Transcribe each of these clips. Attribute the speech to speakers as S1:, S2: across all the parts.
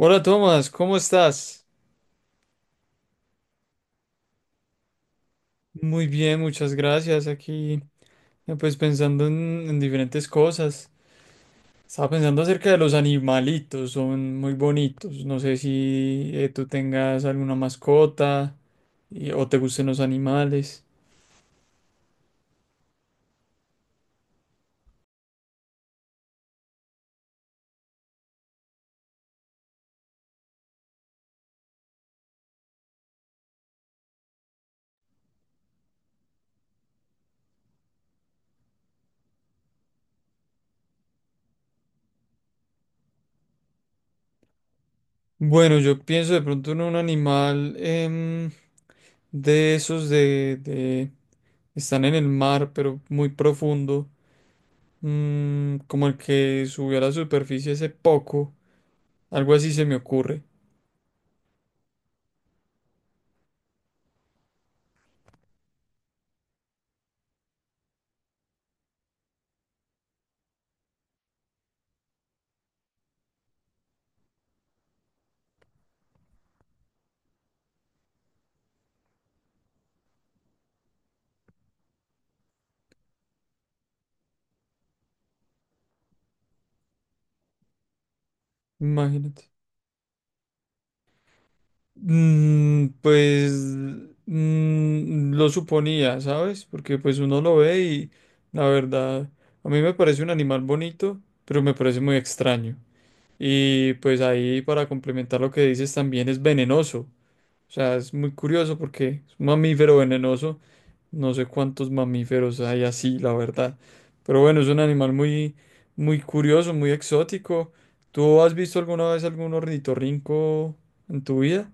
S1: Hola Tomás, ¿cómo estás? Muy bien, muchas gracias. Aquí, pues pensando en diferentes cosas. Estaba pensando acerca de los animalitos, son muy bonitos. No sé si tú tengas alguna mascota o te gusten los animales. Bueno, yo pienso de pronto en un animal de esos de. Están en el mar, pero muy profundo. Como el que subió a la superficie hace poco. Algo así se me ocurre. Imagínate. Pues lo suponía, ¿sabes? Porque pues uno lo ve y la verdad, a mí me parece un animal bonito, pero me parece muy extraño. Y pues ahí para complementar lo que dices también es venenoso. O sea, es muy curioso porque es un mamífero venenoso. No sé cuántos mamíferos hay así, la verdad. Pero bueno, es un animal muy, muy curioso, muy exótico. ¿Tú has visto alguna vez algún ornitorrinco en tu vida?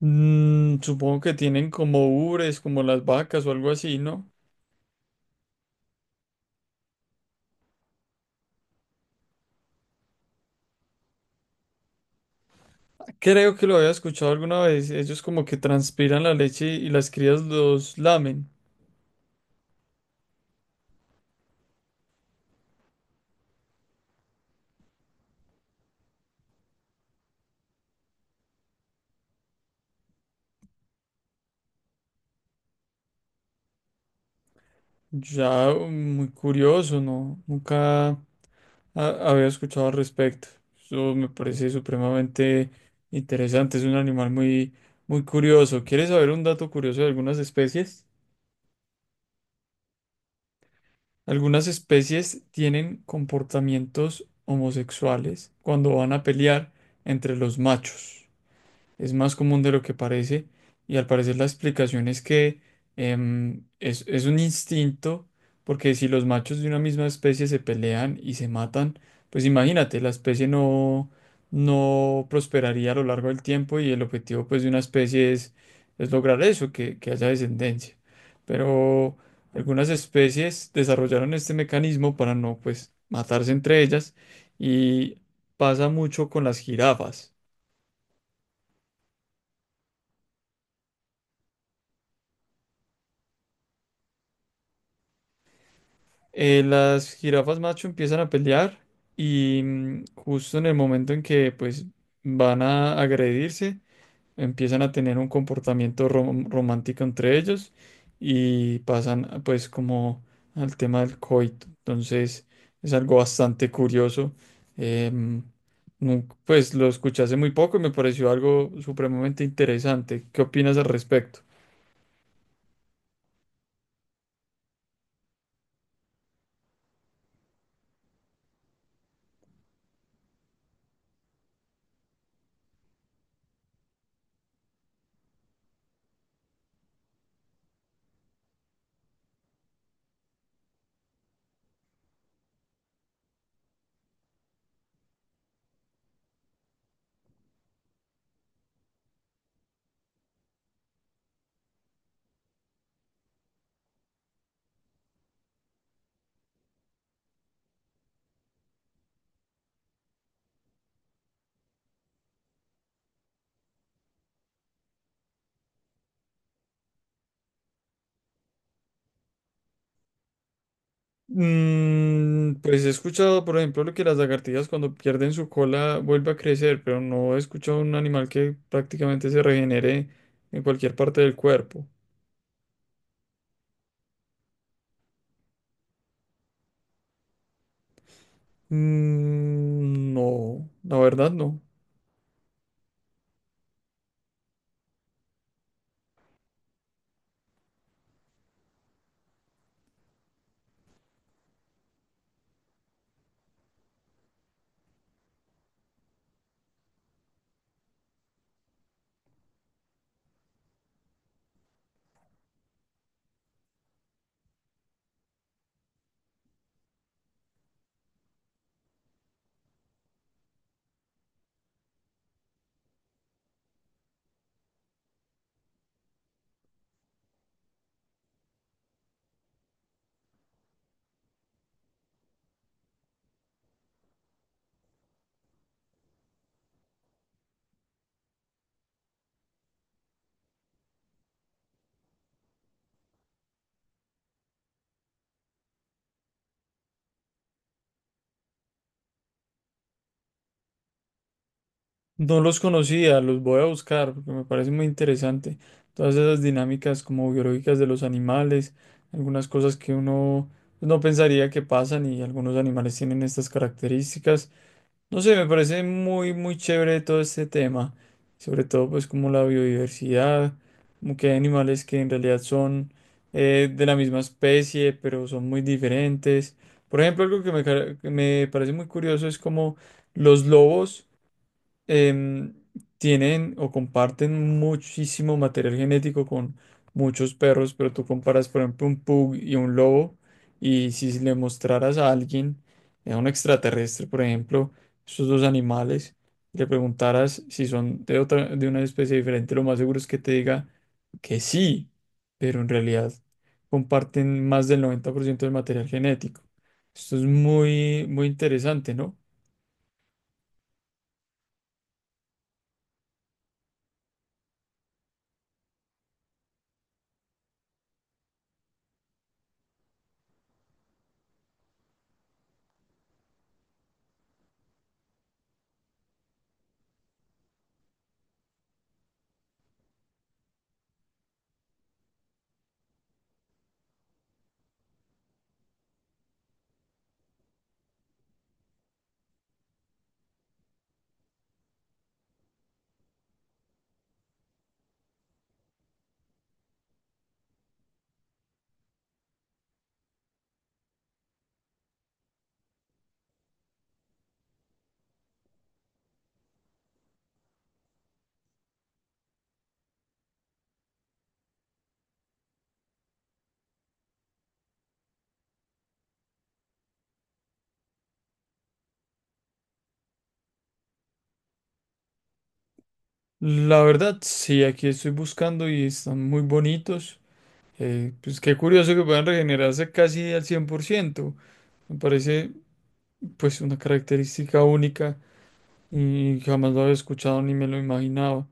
S1: Supongo que tienen como ubres, como las vacas o algo así, ¿no? Creo que lo había escuchado alguna vez. Ellos como que transpiran la leche y las crías los lamen. Ya, muy curioso, ¿no? Nunca había escuchado al respecto. Eso me parece supremamente interesante. Es un animal muy, muy curioso. ¿Quieres saber un dato curioso de algunas especies? Algunas especies tienen comportamientos homosexuales cuando van a pelear entre los machos. Es más común de lo que parece y al parecer la explicación es que es un instinto, porque si los machos de una misma especie se pelean y se matan, pues imagínate, la especie no, no prosperaría a lo largo del tiempo, y el objetivo pues de una especie es lograr eso, que haya descendencia. Pero algunas especies desarrollaron este mecanismo para no pues matarse entre ellas y pasa mucho con las jirafas. Las jirafas macho empiezan a pelear y, justo en el momento en que pues van a agredirse, empiezan a tener un comportamiento romántico entre ellos y pasan pues como al tema del coito. Entonces es algo bastante curioso. Em, pues lo escuché hace muy poco y me pareció algo supremamente interesante. ¿Qué opinas al respecto? Pues he escuchado, por ejemplo, lo que las lagartijas cuando pierden su cola vuelve a crecer, pero no he escuchado un animal que prácticamente se regenere en cualquier parte del cuerpo. Mm, no, la verdad no. No los conocía, los voy a buscar porque me parece muy interesante. Todas esas dinámicas como biológicas de los animales, algunas cosas que uno pues no pensaría que pasan, y algunos animales tienen estas características. No sé, me parece muy, muy chévere todo este tema. Sobre todo, pues, como la biodiversidad, como que hay animales que en realidad son de la misma especie, pero son muy diferentes. Por ejemplo, algo que me parece muy curioso es como los lobos em, tienen o comparten muchísimo material genético con muchos perros, pero tú comparas, por ejemplo, un pug y un lobo, y si le mostraras a alguien, a un extraterrestre, por ejemplo, esos dos animales, y le preguntaras si son de una especie diferente, lo más seguro es que te diga que sí, pero en realidad comparten más del 90% del material genético. Esto es muy, muy interesante, ¿no? La verdad, sí, aquí estoy buscando y están muy bonitos. Pues qué curioso que puedan regenerarse casi al 100%. Me parece pues una característica única y jamás lo había escuchado ni me lo imaginaba.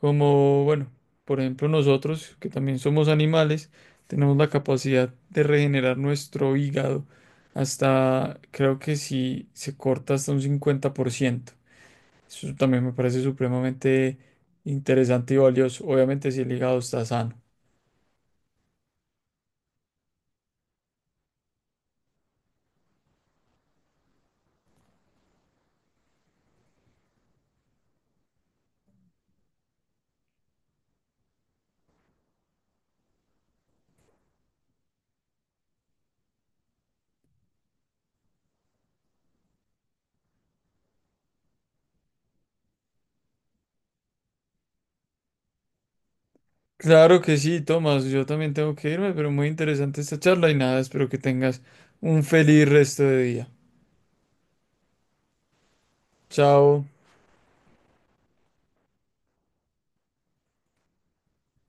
S1: Como, bueno, por ejemplo nosotros, que también somos animales, tenemos la capacidad de regenerar nuestro hígado hasta, creo que si se corta, hasta un 50%. Eso también me parece supremamente interesante y valioso. Obviamente, si el hígado está sano. Claro que sí, Tomás. Yo también tengo que irme, pero muy interesante esta charla y nada, espero que tengas un feliz resto de día. Chao.